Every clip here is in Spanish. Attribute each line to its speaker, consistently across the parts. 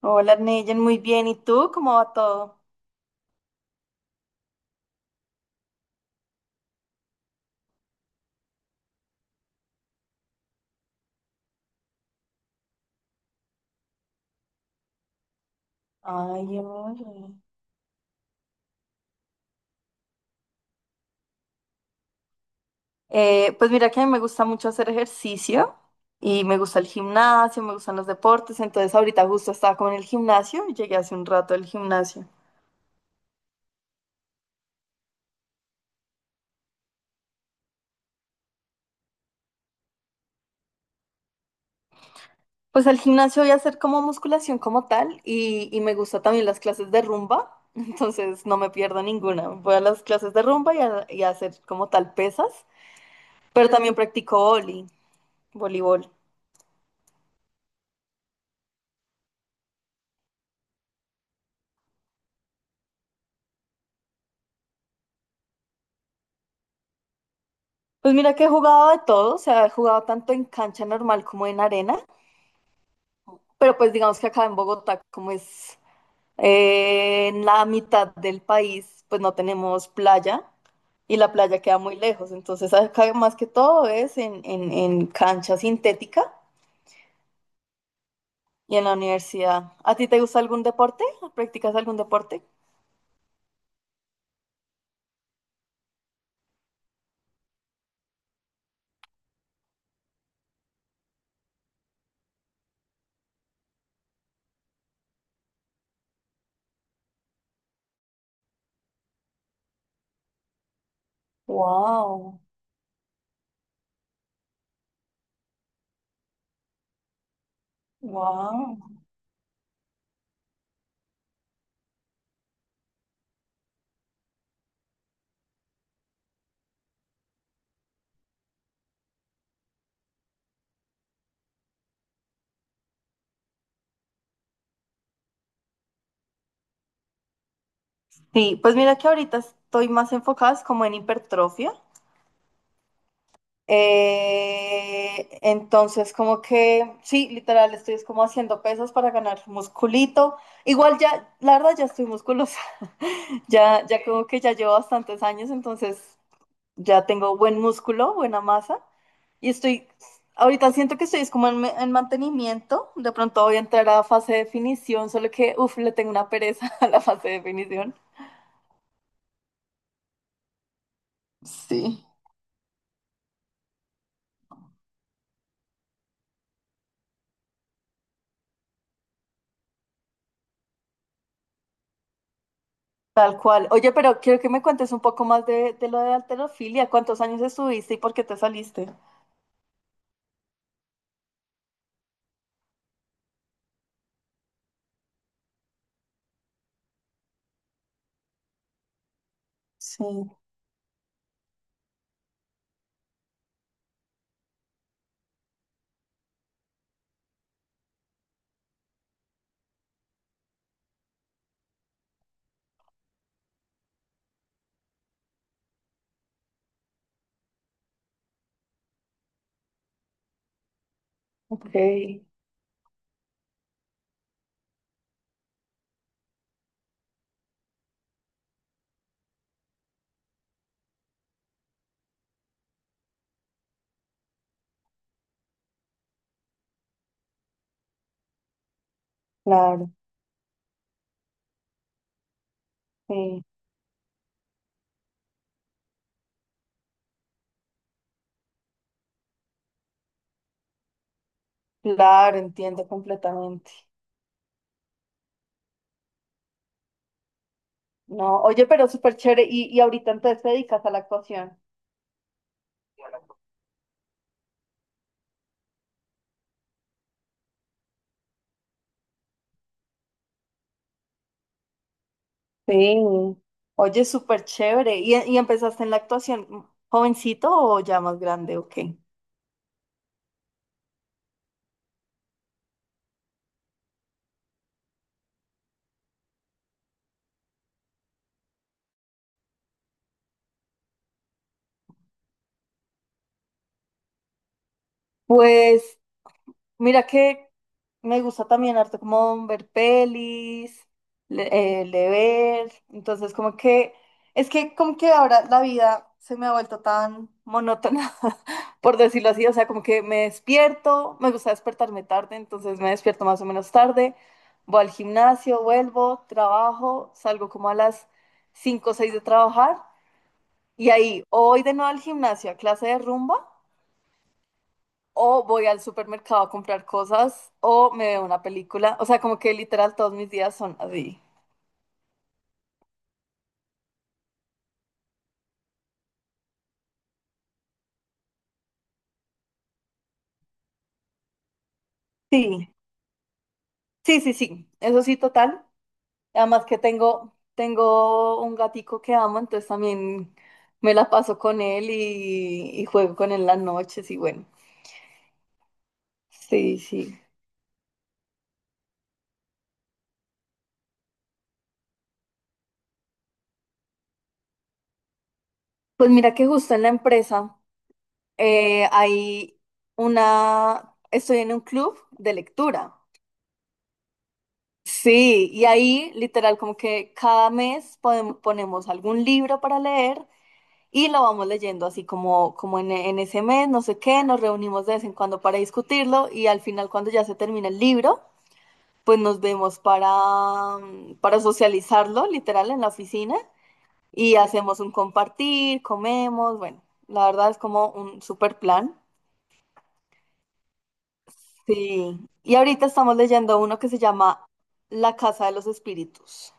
Speaker 1: Hola, Neyen, muy bien. ¿Y tú? ¿Cómo va todo? Ay, hola. Pues mira que a mí me gusta mucho hacer ejercicio y me gusta el gimnasio, me gustan los deportes, entonces ahorita justo estaba como en el gimnasio y llegué hace un rato del gimnasio. Pues al gimnasio voy a hacer como musculación como tal y me gusta también las clases de rumba, entonces no me pierdo ninguna. Voy a las clases de rumba y a hacer como tal pesas, pero también practico vóley, voleibol. Pues mira que he jugado de todo, o sea, he jugado tanto en cancha normal como en arena, pero pues digamos que acá en Bogotá, como es en la mitad del país, pues no tenemos playa y la playa queda muy lejos, entonces acá más que todo es en cancha sintética y en la universidad. ¿A ti te gusta algún deporte? ¿Practicas algún deporte? Wow, wow. Sí, pues mira que ahorita estoy más enfocada es como en hipertrofia. Entonces, como que, sí, literal, estoy es como haciendo pesas para ganar musculito. Igual ya, la verdad, ya estoy musculosa. Ya, ya como que ya llevo bastantes años, entonces ya tengo buen músculo, buena masa. Y estoy, ahorita siento que estoy es como en mantenimiento. De pronto voy a entrar a fase de definición, solo que, uff, le tengo una pereza a la fase de definición. Sí. Tal cual. Oye, pero quiero que me cuentes un poco más de lo de alterofilia. ¿Cuántos años estuviste y por qué te saliste? Sí, ok, claro, sí, claro, entiendo completamente. No, oye, pero súper chévere. Y ahorita entonces te dedicas a la actuación? Sí. Oye, súper chévere. Y empezaste en la actuación jovencito o ya más grande? Ok. Pues mira que me gusta también harto como ver pelis, leer, entonces como que, es que como que ahora la vida se me ha vuelto tan monótona, por decirlo así, o sea, como que me despierto, me gusta despertarme tarde, entonces me despierto más o menos tarde, voy al gimnasio, vuelvo, trabajo, salgo como a las 5 o 6 de trabajar y ahí o voy de nuevo al gimnasio a clase de rumba o voy al supermercado a comprar cosas o me veo una película. O sea, como que literal todos mis días son así. Sí, sí, sí, sí. Eso sí, total. Además que tengo, tengo un gatico que amo, entonces también me la paso con él y juego con él las noches y bueno. Sí, sí. Pues mira que justo en la empresa hay una, estoy en un club de lectura. Sí, y ahí literal como que cada mes ponemos algún libro para leer y lo vamos leyendo así como, como en ese mes, no sé qué, nos reunimos de vez en cuando para discutirlo y al final cuando ya se termina el libro, pues nos vemos para, para socializarlo literal en la oficina y hacemos un compartir, comemos, bueno, la verdad es como un super plan. Sí, y ahorita estamos leyendo uno que se llama La Casa de los Espíritus.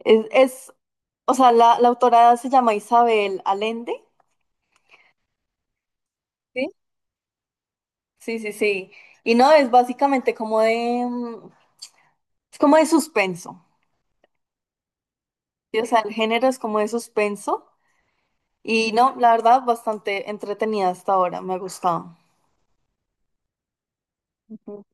Speaker 1: Es o sea, la autora se llama Isabel Allende. ¿Sí? Sí, sí, sí. Y no, es básicamente como de, es como de suspenso. ¿Sí? O sea, el género es como de suspenso. Y no, la verdad, bastante entretenida hasta ahora, me ha gustado. Ujú.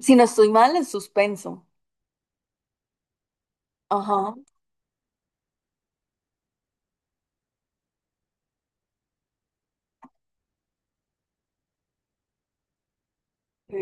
Speaker 1: Si no estoy mal, es suspenso. Ajá, sí,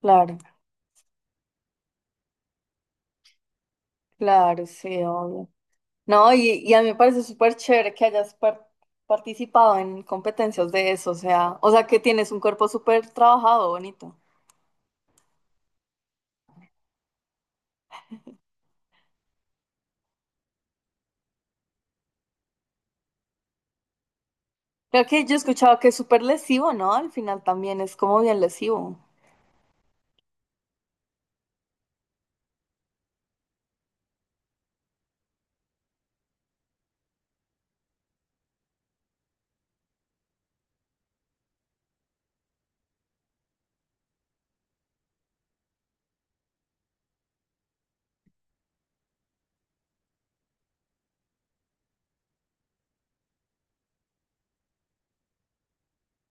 Speaker 1: claro, claro, sí, obvio. No, y a mí me parece súper chévere que hayas participado en competencias de eso, o sea que tienes un cuerpo súper trabajado, bonito. Creo que yo he escuchado que es súper lesivo, ¿no? Al final también es como bien lesivo.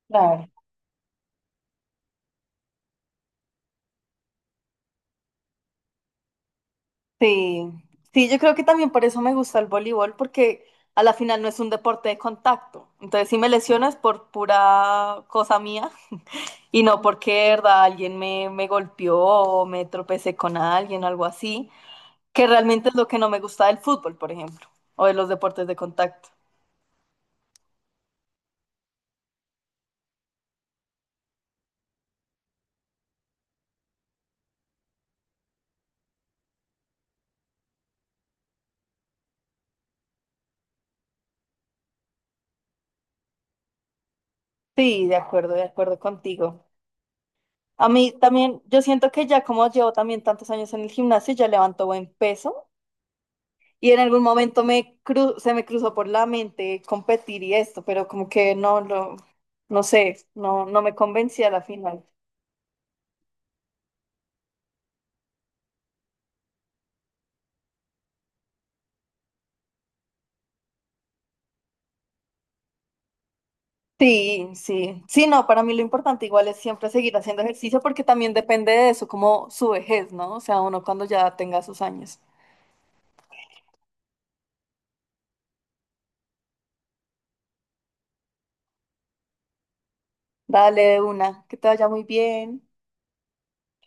Speaker 1: Claro. Sí, sí, yo creo que también por eso me gusta el voleibol, porque a la final no es un deporte de contacto. Entonces, si me lesiono es por pura cosa mía y no porque, de ¿verdad? Alguien me, me golpeó o me tropecé con alguien o algo así, que realmente es lo que no me gusta del fútbol, por ejemplo, o de los deportes de contacto. Sí, de acuerdo contigo. A mí también, yo siento que ya como llevo también tantos años en el gimnasio, ya levanto buen peso y en algún momento se me cruzó por la mente competir y esto, pero como que no lo, no sé, no, no me convencí a la final. Sí, sí, sí, no, para mí lo importante igual es siempre seguir haciendo ejercicio porque también depende de eso, como su vejez, ¿no? O sea, uno cuando ya tenga sus años. Dale de una, que te vaya muy bien.